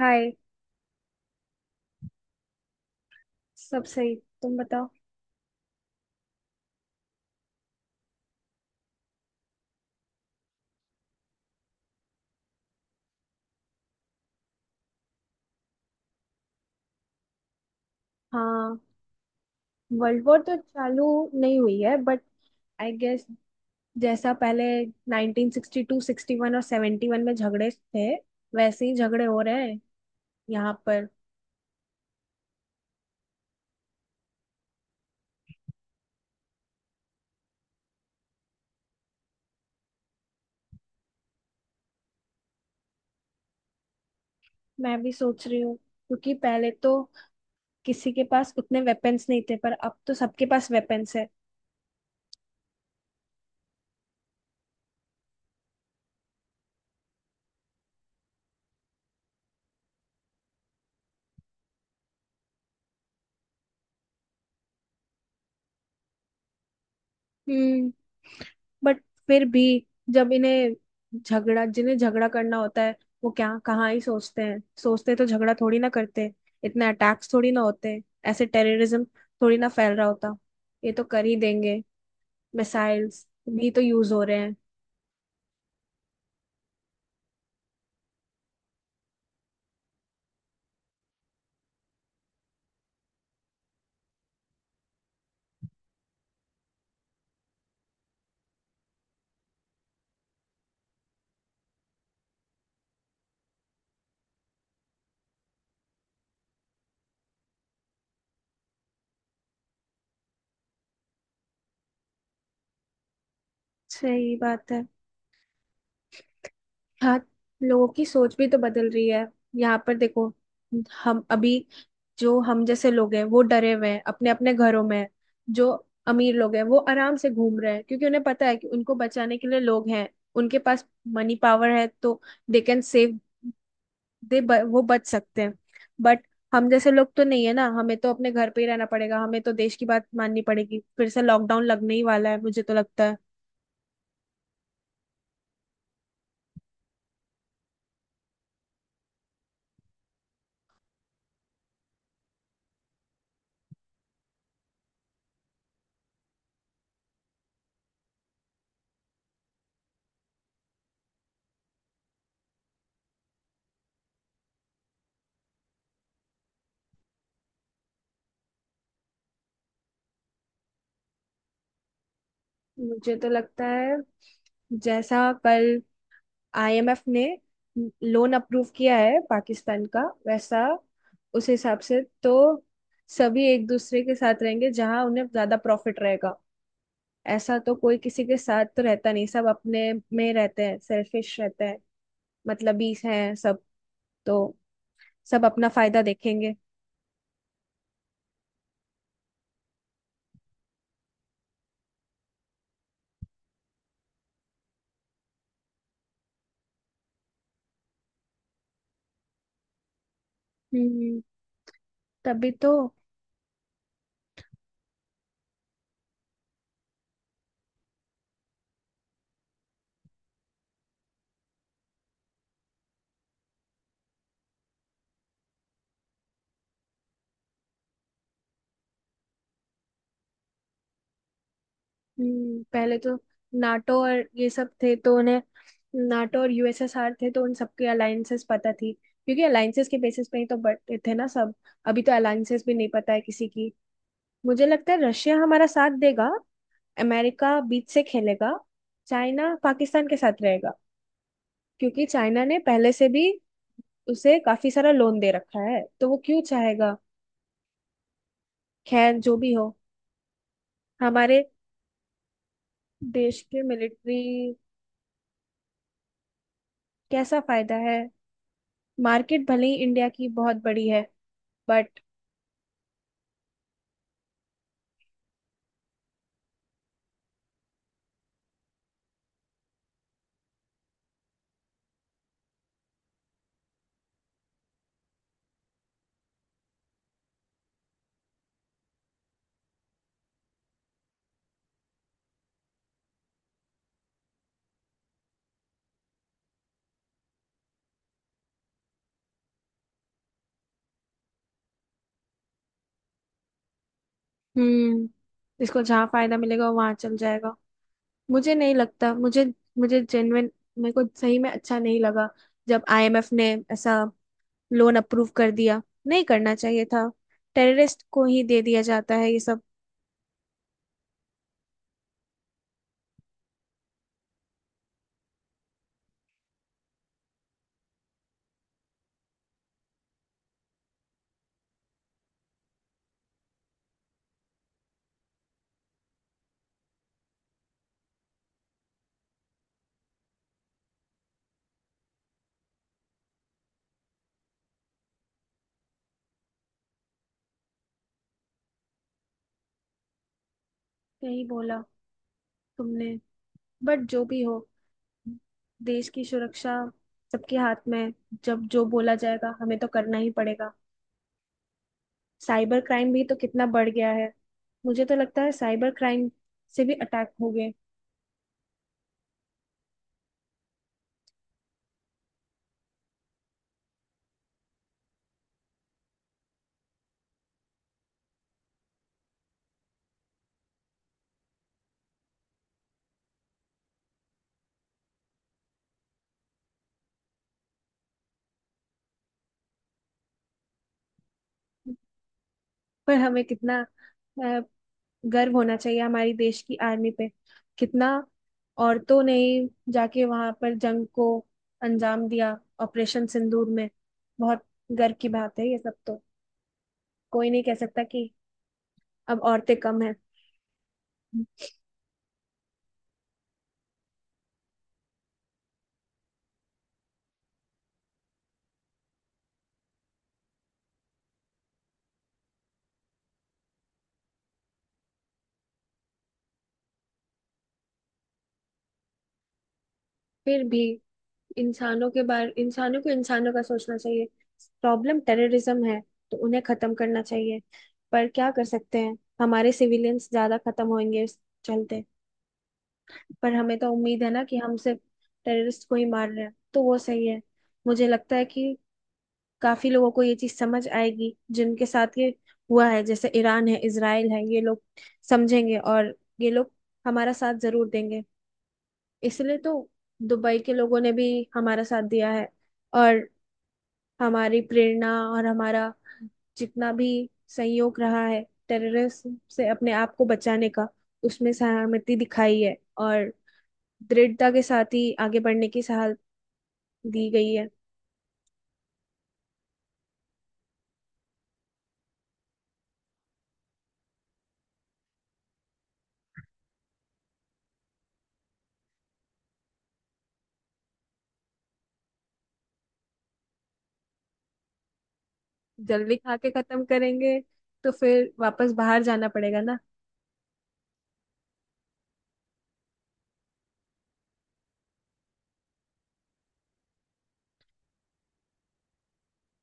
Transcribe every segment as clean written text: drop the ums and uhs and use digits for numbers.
हाय। सब सही। तुम बताओ। हाँ, वर्ल्ड वॉर तो चालू नहीं हुई है, बट आई गेस जैसा पहले 1962, 61 और 71 में झगड़े थे, वैसे ही झगड़े हो रहे हैं यहाँ पर। मैं भी सोच रही हूँ, क्योंकि पहले तो किसी के पास उतने वेपन्स नहीं थे, पर अब तो सबके पास वेपन्स है। हम्म। बट फिर भी जब इन्हें झगड़ा, जिन्हें झगड़ा करना होता है वो क्या कहाँ ही सोचते हैं? सोचते तो झगड़ा थोड़ी ना करते। इतने अटैक्स थोड़ी ना होते, ऐसे टेररिज्म थोड़ी ना फैल रहा होता। ये तो कर ही देंगे। मिसाइल्स भी तो यूज हो रहे हैं। सही बात है। हाँ, लोगों की सोच भी तो बदल रही है। यहाँ पर देखो, हम अभी, जो हम जैसे लोग हैं वो डरे हुए हैं, अपने अपने घरों में हैं। जो अमीर लोग हैं वो आराम से घूम रहे हैं, क्योंकि उन्हें पता है कि उनको बचाने के लिए लोग हैं उनके पास, मनी पावर है, तो दे कैन सेव दे, वो बच सकते हैं। बट हम जैसे लोग तो नहीं है ना, हमें तो अपने घर पे ही रहना पड़ेगा, हमें तो देश की बात माननी पड़ेगी। फिर से लॉकडाउन लगने ही वाला है मुझे तो लगता है। मुझे तो लगता है जैसा कल आईएमएफ ने लोन अप्रूव किया है पाकिस्तान का, वैसा उस हिसाब से तो सभी एक दूसरे के साथ रहेंगे जहां उन्हें ज्यादा प्रॉफिट रहेगा। ऐसा तो कोई किसी के साथ तो रहता नहीं, सब अपने में रहते हैं, सेल्फिश रहते हैं। मतलब 20 हैं सब, तो सब अपना फायदा देखेंगे। हम्म, तभी तो। पहले तो नाटो और ये सब थे तो उन्हें, नाटो और यूएसएसआर थे तो उन सबके अलायंसेस पता थी, क्योंकि अलायंसेस के बेसिस पे ही तो बटे थे ना सब। अभी तो अलायंसेस भी नहीं पता है किसी की। मुझे लगता है रशिया हमारा साथ देगा, अमेरिका बीच से खेलेगा, चाइना पाकिस्तान के साथ रहेगा, क्योंकि चाइना ने पहले से भी उसे काफी सारा लोन दे रखा है, तो वो क्यों चाहेगा। खैर जो भी हो, हमारे देश के मिलिट्री। कैसा फायदा है? मार्केट भले ही इंडिया की बहुत बड़ी है, बट। हम्म। इसको जहाँ फायदा मिलेगा वो वहां चल जाएगा। मुझे नहीं लगता। मुझे मुझे जेन्युइन, मेरे को सही में अच्छा नहीं लगा जब आईएमएफ ने ऐसा लोन अप्रूव कर दिया। नहीं करना चाहिए था, टेररिस्ट को ही दे दिया जाता है ये सब। नहीं बोला तुमने। बट जो भी हो, देश की सुरक्षा सबके हाथ में है। जब जो बोला जाएगा हमें तो करना ही पड़ेगा। साइबर क्राइम भी तो कितना बढ़ गया है। मुझे तो लगता है साइबर क्राइम से भी अटैक हो गए। पर हमें कितना अ, गर्व होना चाहिए हमारी देश की आर्मी पे। कितना औरतों ने ही जाके वहां पर जंग को अंजाम दिया ऑपरेशन सिंदूर में। बहुत गर्व की बात है ये सब तो। कोई नहीं कह सकता कि अब औरतें कम है। फिर भी इंसानों के बारे, इंसानों को इंसानों का सोचना चाहिए। प्रॉब्लम टेररिज्म है, तो उन्हें खत्म करना चाहिए। पर क्या कर सकते हैं, हमारे सिविलियंस ज्यादा खत्म होंगे इस चलते। पर हमें तो उम्मीद है ना कि हम सिर्फ टेररिस्ट को ही मार रहे हैं, तो वो सही है। मुझे लगता है कि काफी लोगों को ये चीज समझ आएगी, जिनके साथ ये हुआ है, जैसे ईरान है, इसराइल है, ये लोग समझेंगे और ये लोग हमारा साथ जरूर देंगे। इसलिए तो दुबई के लोगों ने भी हमारा साथ दिया है, और हमारी प्रेरणा और हमारा जितना भी संयोग रहा है टेररिस्ट से अपने आप को बचाने का, उसमें सहमति दिखाई है और दृढ़ता के साथ ही आगे बढ़ने की सलाह दी गई है। जल्दी खा के खत्म करेंगे तो फिर वापस बाहर जाना पड़ेगा ना।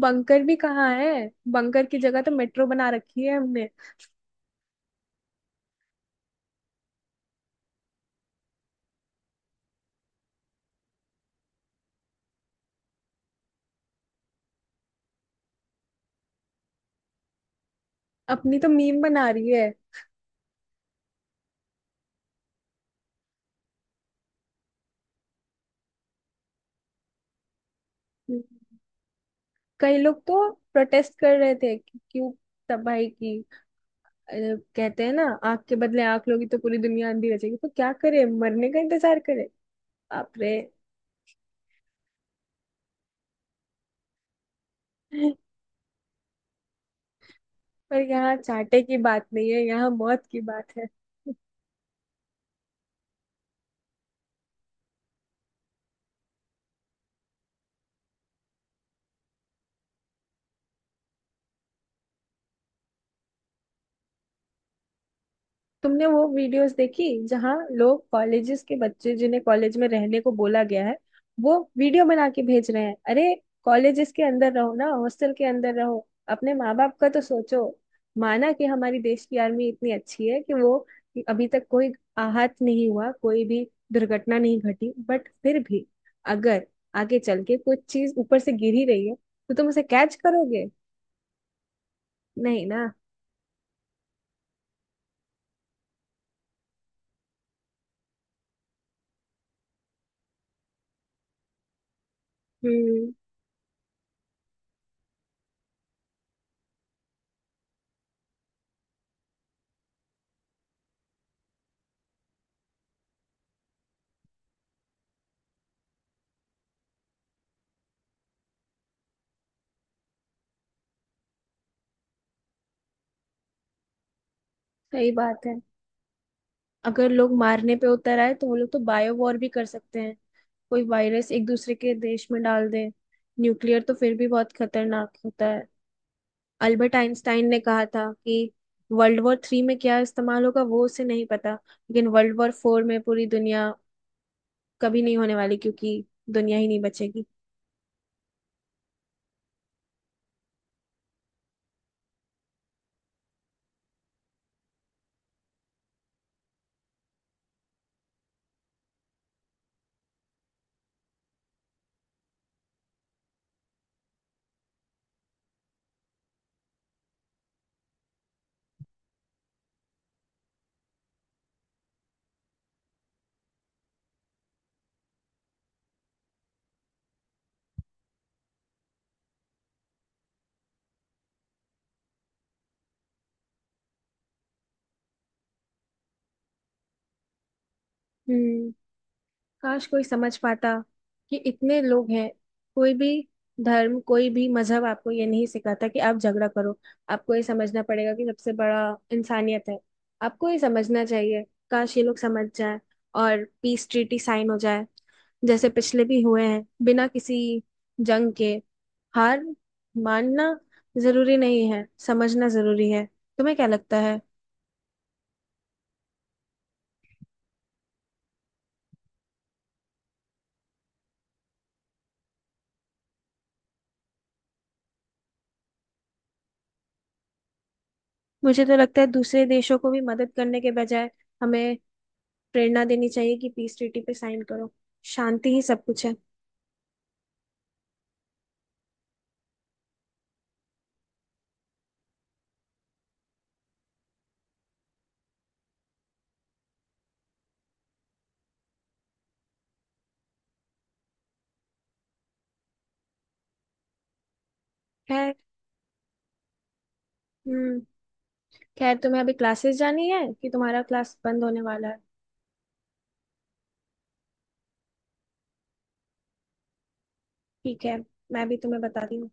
बंकर भी कहाँ है? बंकर की जगह तो मेट्रो बना रखी है हमने। अपनी तो मीम बना रही है। कई लोग तो प्रोटेस्ट कर रहे थे कि क्यों तबाही की। अरे, कहते हैं ना आंख के बदले आंख लोगी तो पूरी दुनिया अंधी रचेगी, तो क्या करे, मरने का इंतजार करे? बाप रे। पर यहाँ चाटे की बात नहीं है, यहाँ मौत की बात है। तुमने वो वीडियोस देखी जहां लोग, कॉलेजेस के बच्चे जिन्हें कॉलेज में रहने को बोला गया है वो वीडियो बना के भेज रहे हैं? अरे, कॉलेजेस के अंदर रहो ना, हॉस्टल के अंदर रहो, अपने माँ बाप का तो सोचो। माना कि हमारी देश की आर्मी इतनी अच्छी है कि वो अभी तक, कोई आहत नहीं हुआ, कोई भी दुर्घटना नहीं घटी, बट फिर भी अगर आगे चल के कुछ चीज ऊपर से गिर ही रही है तो तुम उसे कैच करोगे? नहीं ना। हम्म, सही बात है। अगर लोग मारने पे उतर आए तो वो लोग तो बायो वॉर भी कर सकते हैं, कोई वायरस एक दूसरे के देश में डाल दे। न्यूक्लियर तो फिर भी बहुत खतरनाक होता है। अल्बर्ट आइंस्टाइन ने कहा था कि वर्ल्ड वॉर थ्री में क्या इस्तेमाल होगा वो उसे नहीं पता, लेकिन वर्ल्ड वॉर फोर में पूरी दुनिया कभी नहीं होने वाली, क्योंकि दुनिया ही नहीं बचेगी। हम्म। काश कोई समझ पाता कि इतने लोग हैं, कोई भी धर्म, कोई भी मजहब आपको ये नहीं सिखाता कि आप झगड़ा करो। आपको ये समझना पड़ेगा कि सबसे बड़ा इंसानियत है, आपको ये समझना चाहिए। काश ये लोग समझ जाए और पीस ट्रीटी साइन हो जाए, जैसे पिछले भी हुए हैं बिना किसी जंग के। हार मानना जरूरी नहीं है, समझना जरूरी है। तुम्हें क्या लगता है? मुझे तो लगता है दूसरे देशों को भी मदद करने के बजाय हमें प्रेरणा देनी चाहिए कि पीस ट्रीटी पे साइन करो, शांति ही सब कुछ है। खैर। हम्म। खैर, तुम्हें अभी क्लासेस जानी है कि तुम्हारा क्लास बंद होने वाला है? ठीक है, मैं भी तुम्हें बताती हूँ।